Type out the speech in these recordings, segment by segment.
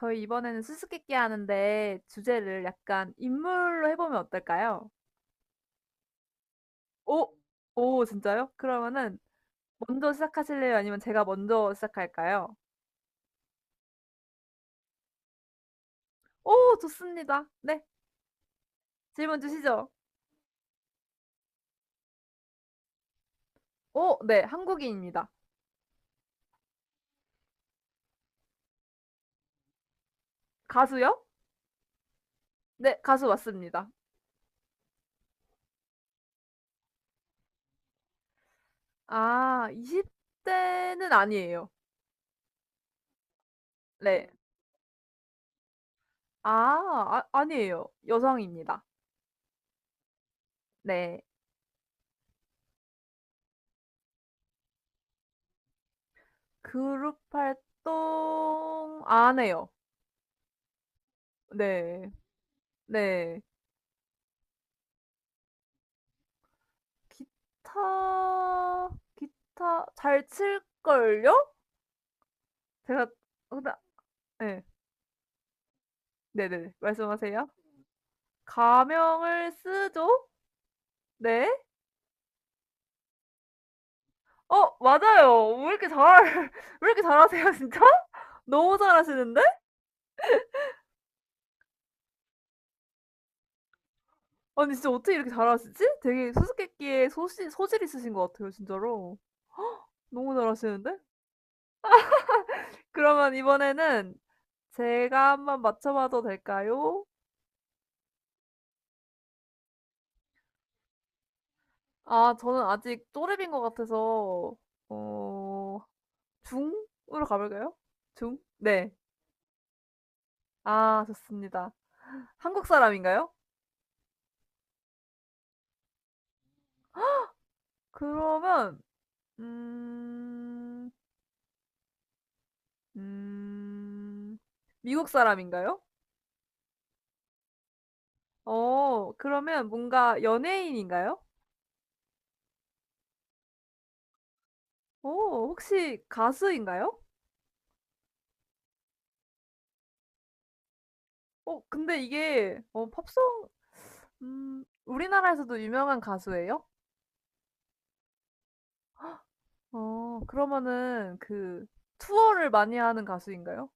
저희 이번에는 수수께끼 하는데 주제를 약간 인물로 해보면 어떨까요? 오, 오, 진짜요? 그러면은 먼저 시작하실래요? 아니면 제가 먼저 시작할까요? 오, 좋습니다. 네, 질문 주시죠. 오, 네, 한국인입니다. 가수요? 네, 가수 맞습니다. 아, 20대는 아니에요. 네. 네. 아, 아니에요. 여성입니다. 네. 그룹 활동 안 해요. 네. 네. 기타 기타 잘 칠걸요? 제가 근데 예. 네네네. 말씀하세요. 가명을 쓰죠? 네. 맞아요. 왜 이렇게 잘 왜 이렇게 잘하세요 진짜? 너무 잘하시는데? 아니 진짜 어떻게 이렇게 잘하시지? 되게 수수께끼에 소질 있으신 것 같아요 진짜로. 너무 잘하시는데? 그러면 이번에는 제가 한번 맞춰봐도 될까요? 아, 저는 아직 또래인 것 같아서, 어, 중으로 가볼까요? 중? 네. 아, 좋습니다. 한국 사람인가요? 그러면, 음, 음, 미국 사람인가요? 그러면 뭔가 연예인인가요? 혹시 가수인가요? 어, 근데 이게, 팝송, 우리나라에서도 유명한 가수예요? 그러면은 그 투어를 많이 하는 가수인가요?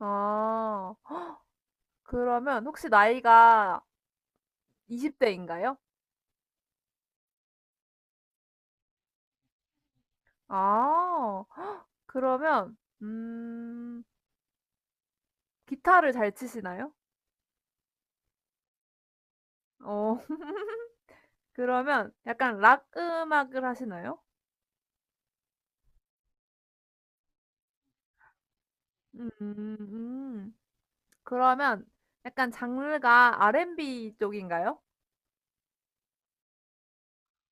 아 그러면 혹시 나이가 20 대인가요? 아 헉, 그러면 기타를 잘 치시나요? 어 그러면 약간 락 음악을 하시나요? 음. 그러면 약간 장르가 R&B 쪽인가요?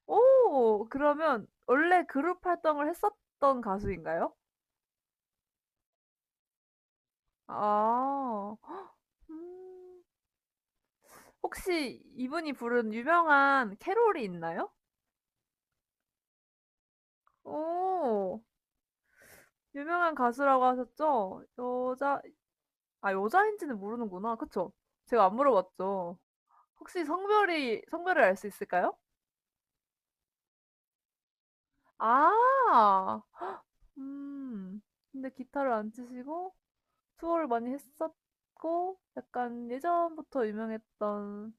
오 그러면 원래 그룹 활동을 했었던 가수인가요? 아. 헉, 음. 혹시 이분이 부른 유명한 캐롤이 있나요? 오! 유명한 가수라고 하셨죠? 여자 아 여자인지는 모르는구나. 그쵸? 제가 안 물어봤죠. 혹시 성별이 성별을 알 수 있을까요? 아. 음. 근데 기타를 안 치시고 투어를 많이 했었고 약간 예전부터 유명했던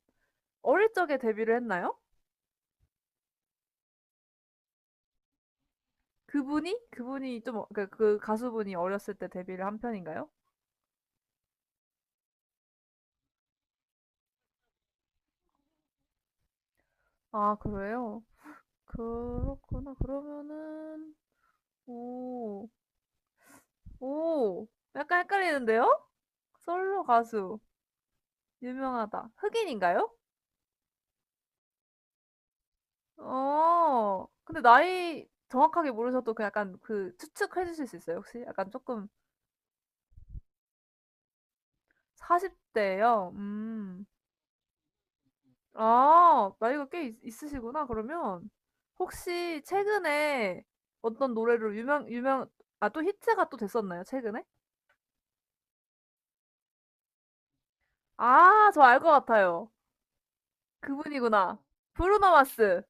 어릴 적에 데뷔를 했나요? 그분이? 그 가수분이 어렸을 때 데뷔를 한 편인가요? 아, 그래요? 그렇구나. 그러면은, 오, 오, 약간 헷갈리는데요? 솔로 가수, 유명하다. 흑인인가요? 근데 나이 정확하게 모르셔도 그 약간 그 추측해 주실 수 있어요, 혹시? 약간 조금 40대예요. 아, 나이가 꽤 있으시구나. 그러면 혹시 최근에 어떤 노래로 유명 아, 또 히트가 또 됐었나요? 최근에? 아, 저 알 것 같아요. 그분이구나. 브루노 마스.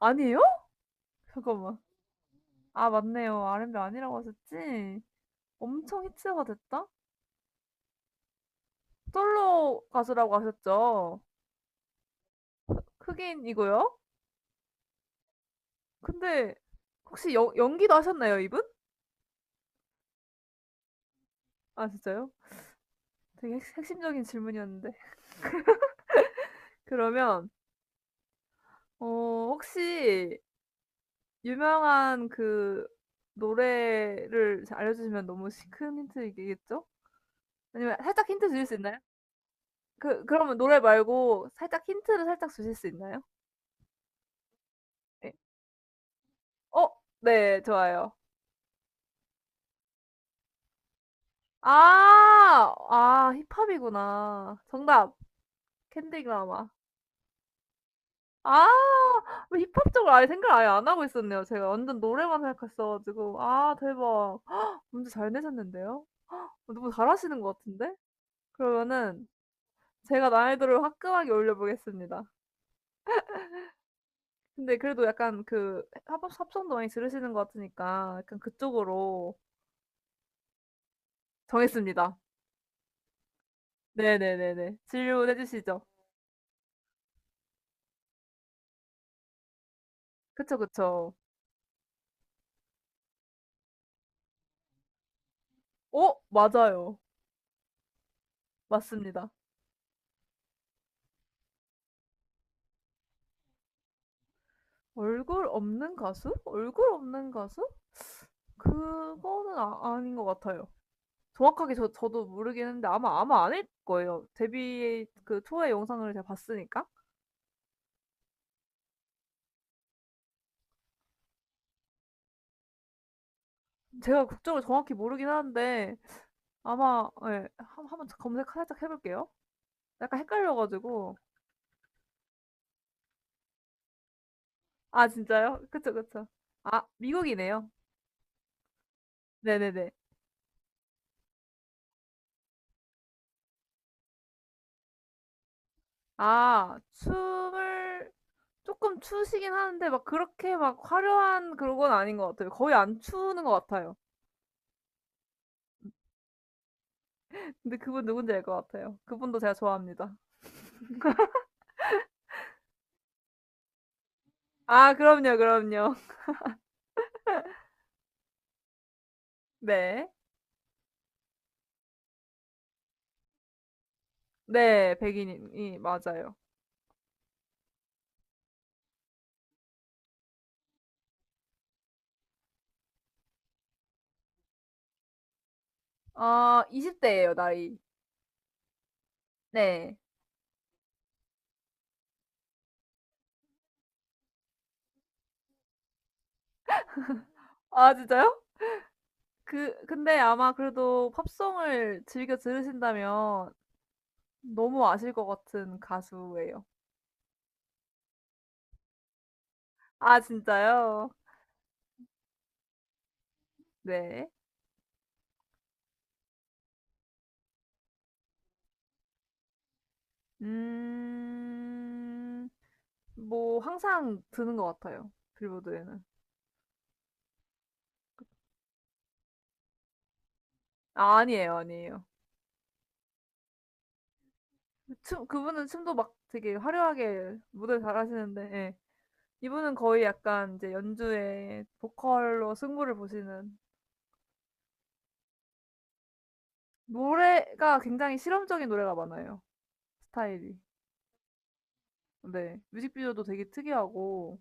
아니에요? 잠깐만. 아, 맞네요. R&B 아니라고 하셨지? 엄청 히트가 됐다? 솔로 가수라고 하셨죠? 흑인이고요. 근데 혹시 연기도 하셨나요, 이분? 아, 진짜요? 되게 핵심적인 질문이었는데. 그러면 어, 혹시 유명한 그 노래를 알려주시면 너무 시 큰 힌트이겠죠? 아니면 살짝 힌트 주실 수 있나요? 그러면 노래 말고 살짝 힌트를 살짝 주실 수 있나요? 예. 어 네 좋아요. 아. 아 힙합이구나. 정답. 캔디그라마. 아 뭐 힙합 쪽을 아예 생각을 아예 안 하고 있었네요. 제가 완전 노래만 생각했어 가지고. 아 대박. 헉, 문제 잘 내셨는데요. 너무 잘하시는 것 같은데? 그러면은 제가 난이도를 화끈하게 올려보겠습니다. 근데 그래도 약간 그합성도 많이 들으시는 것 같으니까 약간 그쪽으로 정했습니다. 네네네네. 질문해 주시죠. 그쵸, 그쵸. 어? 맞아요. 맞습니다. 얼굴 없는 가수? 얼굴 없는 가수? 그거는 아닌 것 같아요. 정확하게 저도 모르긴 했는데 아마 아닐 거예요. 데뷔 그 투어의 영상을 제가 봤으니까. 제가 국적을 정확히 모르긴 하는데 아마 예. 한 한번 검색 살짝 해 볼게요. 약간 헷갈려 가지고. 아 진짜요? 그쵸, 그쵸. 아 미국이네요. 네네네. 아 춤을 쪼끔 추시긴 하는데 막 그렇게 막 화려한 그런 건 아닌 것 같아요. 거의 안 추는 것 같아요. 근데 그분 누군지 알 것 같아요. 그분도 제가 좋아합니다. 아 그럼요, 그럼요. 네. 네 백인이 맞아요. 아 20 대예요 나이. 네. 아 진짜요? 근데 아마 그래도 팝송을 즐겨 들으신다면 너무 아실 것 같은 가수예요. 아 진짜요? 네. 음. 뭐 항상 드는 것 같아요. 빌보드에는. 아 아니에요, 아니에요. 춤 그분은 춤도 막 되게 화려하게 무대 잘하시는데 예. 이분은 거의 약간 이제 연주에 보컬로 승부를 보시는 노래가 굉장히 실험적인 노래가 많아요, 스타일이. 네. 뮤직비디오도 되게 특이하고.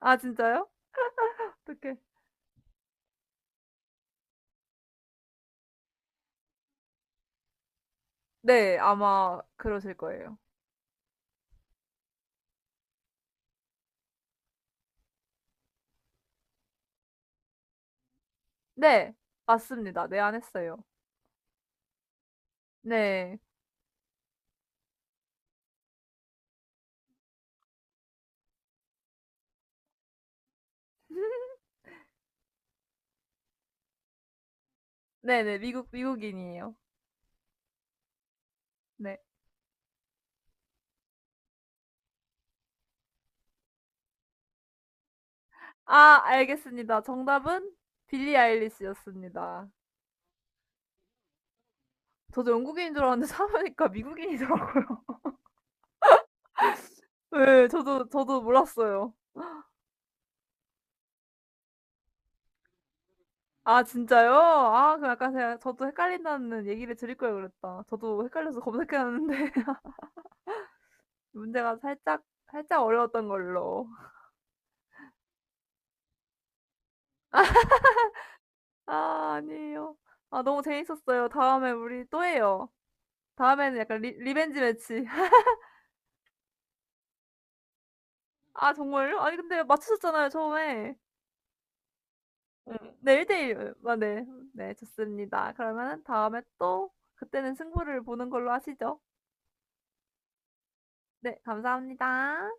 아, 진짜요? 어떡해. 네, 아마 그러실 거예요. 네, 맞습니다. 네, 안 했어요. 네. 네네, 미국인이에요. 네. 아, 알겠습니다. 정답은 빌리 아일리시였습니다. 저도 영국인인 줄 알았는데 사보니까 미국인이더라고요. 네, 저도 몰랐어요. 아, 진짜요? 아, 그럼 약간 제가, 저도 헷갈린다는 얘기를 드릴 걸 그랬다. 저도 헷갈려서 검색해놨는데, 문제가 살짝 어려웠던 걸로. 아 아니에요. 아 너무 재밌었어요. 다음에 우리 또 해요. 다음에는 약간 리 리벤지 매치. 아 정말요? 아니 근데 맞추셨잖아요, 처음에. 응. 네 1대 1. 아 네. 네 좋습니다. 그러면 다음에 또 그때는 승부를 보는 걸로 하시죠. 네 감사합니다.